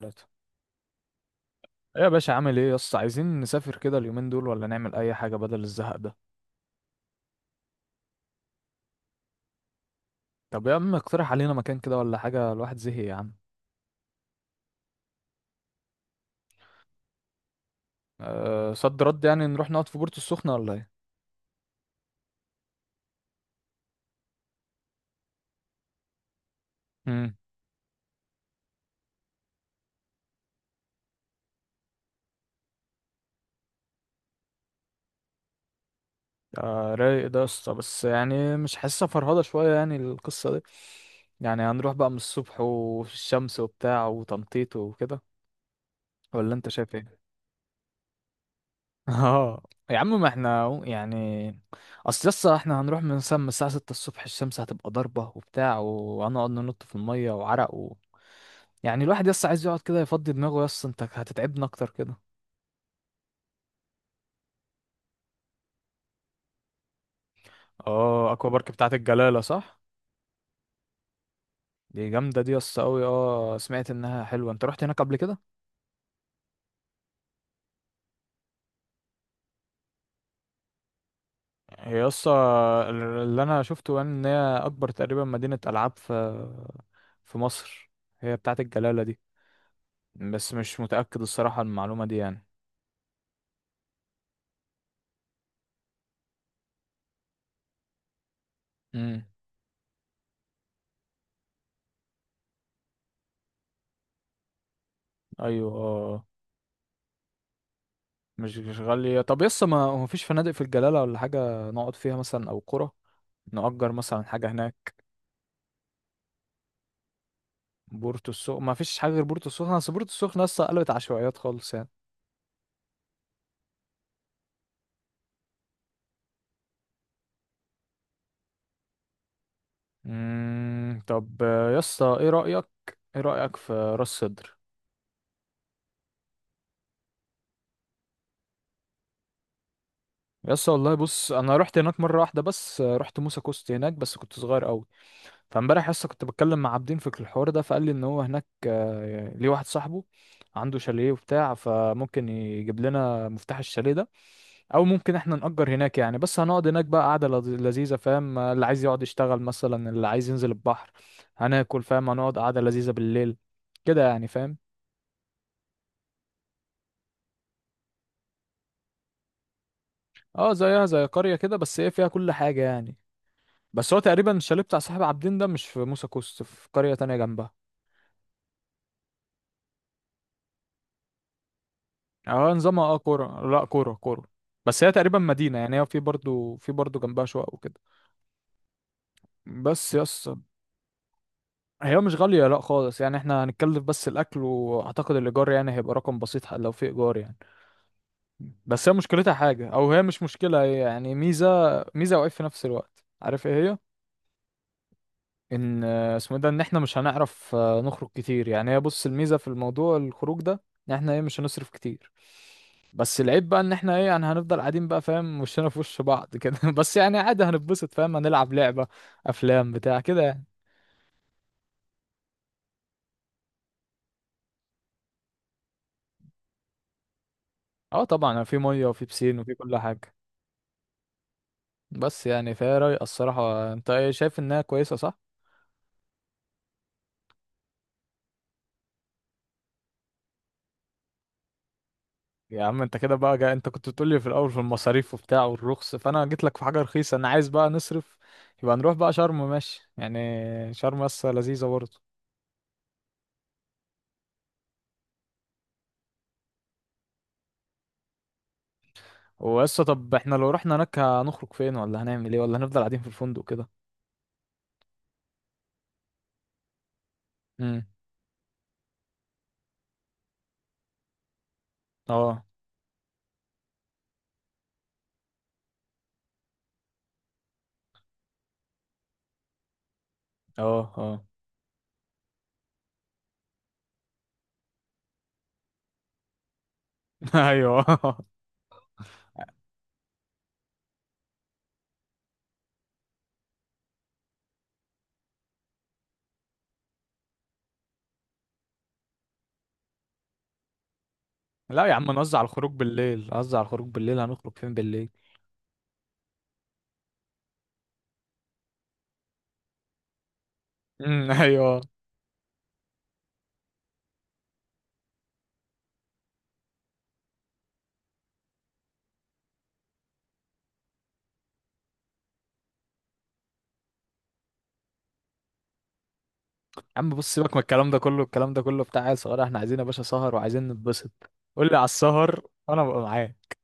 ثلاثة. إيه يا باشا، عامل ايه يا اسطى؟ عايزين نسافر كده اليومين دول ولا نعمل اي حاجه بدل الزهق ده؟ طب يا عم اقترح علينا مكان كده ولا حاجه، الواحد زهق يا عم. أه صد رد، يعني نروح نقعد في بورتو السخنه ولا ايه؟ امم آه رايق ده يا اسطى، بس يعني مش حاسسها، فرهضه شويه يعني القصه دي. يعني هنروح بقى من الصبح وفي الشمس وبتاع وتنطيط وكده، ولا انت شايف ايه؟ اه. يا عم ما احنا أهو يعني. اصل لسه احنا هنروح من الساعة 6 الصبح، الشمس هتبقى ضاربة وبتاع وهنقعد ننط في المية وعرق و... يعني الواحد لسه عايز يقعد كده يفضي دماغه، يس انت هتتعبنا اكتر كده. اه اكوا بارك بتاعت الجلالة صح؟ دي جامدة دي، يس قوي، اه سمعت انها حلوة. انت رحت هناك قبل كده؟ هي يس اللي انا شفته ان هي اكبر تقريبا مدينة العاب في في مصر، هي بتاعت الجلالة دي، بس مش متأكد الصراحة المعلومة دي يعني. امم ايوه اه. مش مش غالية. طب يس ما هو مفيش فنادق في الجلالة ولا حاجة نقعد فيها مثلا، او قرى نأجر مثلا حاجة هناك. بورتو السخنة، ما فيش حاجة غير بورتو السخنة، بس بورتو السخنة لسه قلبت عشوائيات خالص يعني. طب يس ايه رأيك، ايه رأيك في راس سدر؟ يس والله بص انا رحت هناك مرة واحدة بس، رحت موسى كوست هناك بس كنت صغير قوي. فامبارح لسه كنت بتكلم مع عابدين في الحوار ده، فقال لي ان هو هناك ليه واحد صاحبه عنده شاليه وبتاع، فممكن يجيب لنا مفتاح الشاليه ده، او ممكن احنا نأجر هناك يعني. بس هنقعد هناك بقى قعدة لذيذة، فاهم؟ اللي عايز يقعد يشتغل مثلا، اللي عايز ينزل البحر، هناكل، فاهم؟ هنقعد قعدة لذيذة بالليل كده يعني، فاهم؟ اه زيها زي قرية كده، بس ايه فيها كل حاجة يعني. بس هو تقريبا الشاليه بتاع صاحب عابدين ده مش في موسى كوست، في قرية تانية جنبها. اه نظامها اه كورة، لا كورة كورة. بس هي تقريبا مدينة يعني، هي في برضو جنبها شقق وكده. بس يس. هي مش غالية لا خالص يعني، احنا هنتكلف بس الأكل، وأعتقد الإيجار يعني هيبقى رقم بسيط، لو في إيجار يعني. بس هي مشكلتها حاجة، أو هي مش مشكلة، هي يعني ميزة، ميزة وعيب في نفس الوقت. عارف ايه هي؟ إن اسمه إيه ده، إن احنا مش هنعرف نخرج كتير يعني. هي بص، الميزة في الموضوع الخروج ده، إن احنا ايه مش هنصرف كتير. بس العيب بقى ان احنا ايه يعني هنفضل قاعدين بقى فاهم، وشنا في وش بعض كده بس يعني عادي هنتبسط فاهم، هنلعب لعبة، افلام، بتاع كده يعني. اه طبعا يعني في مية وفي بسين وفي كل حاجة. بس يعني فهي رايقة الصراحة، انت ايه شايف انها كويسة صح؟ يا عم انت كده بقى انت كنت بتقولي في الاول في المصاريف وبتاع والرخص، فانا جيت لك في حاجة رخيصة، انا عايز بقى نصرف، يبقى نروح بقى شرم ماشي يعني. شرم لسه لذيذة برضه. وقصة، طب احنا لو رحنا هناك هنخرج فين، ولا هنعمل ايه، ولا هنفضل قاعدين في الفندق كده؟ امم اه. اه. اه. ايوه. لا يا عم نوزع الخروج بالليل، نوزع الخروج بالليل. هنخرج فين بالليل؟ ايوه يا عم، بص سيبك من الكلام ده كله، الكلام ده كله بتاع عيال صغيره، احنا عايزين يا باشا سهر وعايزين نتبسط. قول لي على السهر وانا ببقى معاك.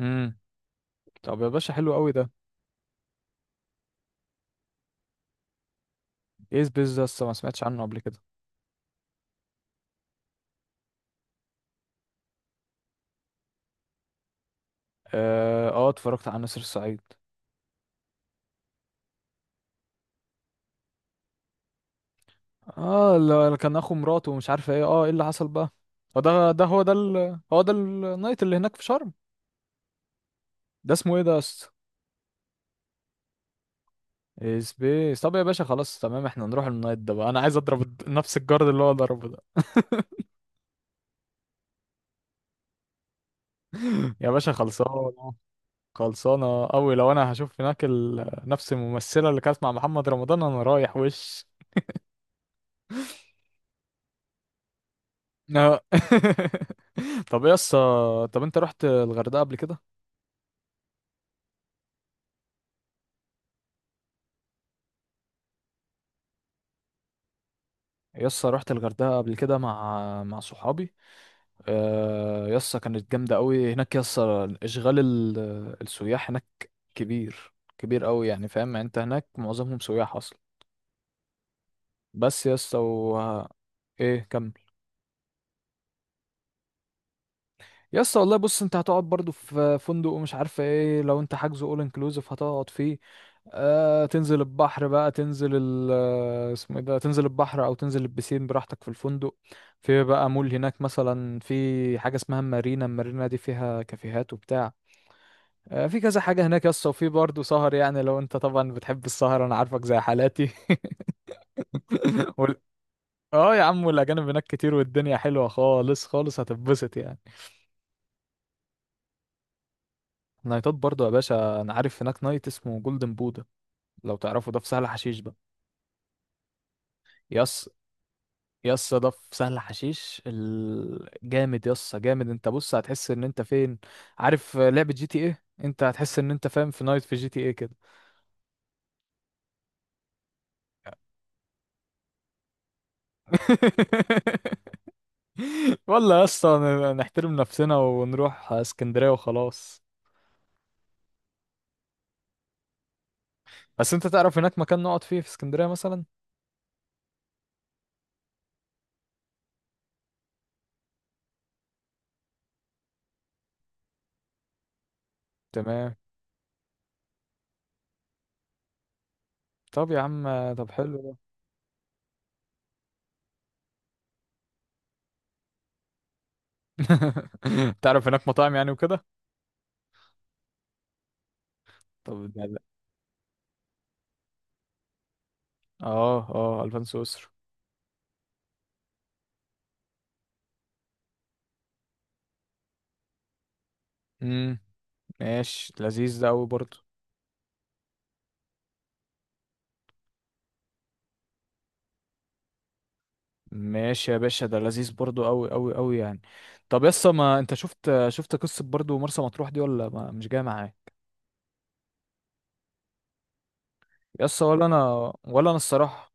امم طب يا باشا حلو قوي ده. ايه سبيس ده؟ لسه ما سمعتش عنه قبل كده. اه اتفرجت على نسر الصعيد. اه اللي كان اخو مراته ومش عارف ايه، اه ايه اللي حصل بقى؟ هو ده، ده هو ده ال... هو ده النايت اللي هناك في شرم؟ ده اسمه ايه ده؟ سبيس. طب يا باشا خلاص تمام، احنا نروح النايت ده بقى، انا عايز اضرب نفس الجارد اللي هو ضربه ده. يا باشا خلصانه. خلصانه قوي، لو انا هشوف هناك ال... نفس الممثله اللي كانت مع محمد رمضان انا رايح وش. آه. طب يا اسطى، طب انت رحت الغردقه قبل كده؟ يا اسطى رحت الغردقه قبل كده مع مع صحابي. يا اسطى كانت جامده قوي هناك يا اسطى، اشغال السياح هناك كبير كبير قوي يعني، فاهم؟ يعني انت هناك معظمهم سياح اصلا. بس يا اسطى و... ايه كمل. يا اسطى والله بص، انت هتقعد برضو في فندق ومش عارفه ايه، لو انت حاجزه اول انكلوزيف هتقعد فيه. آه تنزل البحر بقى، تنزل ال اسمه ايه ده، تنزل البحر او تنزل البسين براحتك في الفندق. في بقى مول هناك مثلا، في حاجه اسمها مارينا، المارينا دي فيها كافيهات وبتاع. آه في كذا حاجه هناك يا اسطى، وفي برضو سهر يعني، لو انت طبعا بتحب السهر انا عارفك زي حالاتي. وال... اه يا عم والاجانب هناك كتير، والدنيا حلوه خالص خالص، هتتبسط يعني. نايتات برضو يا باشا، انا عارف هناك نايت اسمه جولدن بودا، لو تعرفوا ده، في سهل حشيش بقى. يس. يس ده في سهل حشيش جامد يس جامد، انت بص هتحس ان انت فين، عارف لعبة جي تي ايه؟ انت هتحس ان انت فاهم في نايت في جي تي ايه كده. والله يا اسطى نحترم نفسنا ونروح اسكندرية وخلاص. بس انت تعرف هناك مكان نقعد فيه في اسكندرية مثلا؟ تمام. طب يا عم طب حلو ده. تعرف هناك مطاعم يعني وكده؟ طب اه اه الفانسو اسر. امم ماشي، لذيذ ده قوي برضه. ماشي يا باشا ده لذيذ برضه، قوي قوي قوي يعني. طب يسا، ما انت شفت، شفت قصة برضه مرسى مطروح دي ولا ما مش جاية معايا؟ يسا ولا انا، ولا انا الصراحة.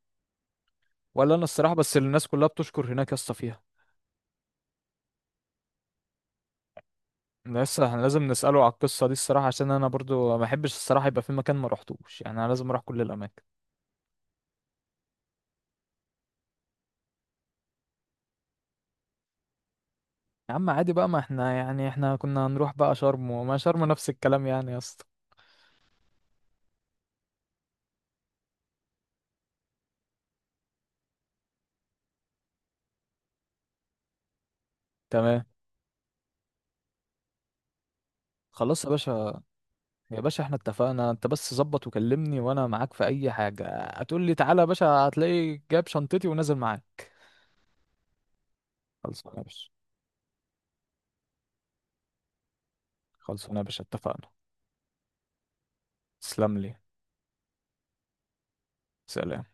ولا انا الصراحة، بس الناس كلها بتشكر هناك يسا فيها. لسه احنا لازم نسأله على القصة دي الصراحة، عشان انا برضو ما احبش الصراحة يبقى في مكان ما روحتوش، يعني انا لازم اروح كل الاماكن. يا عم عادي بقى، ما احنا يعني احنا كنا هنروح بقى شرم، وما شرم نفس الكلام يعني يا اسطى. تمام. خلاص يا باشا. يا باشا احنا اتفقنا، انت بس ظبط وكلمني وانا معاك في اي حاجة، هتقول لي تعالى يا باشا هتلاقي جايب شنطتي ونازل معاك. خلصانه يا باشا. خلصانه يا باشا اتفقنا. تسلم لي. سلام.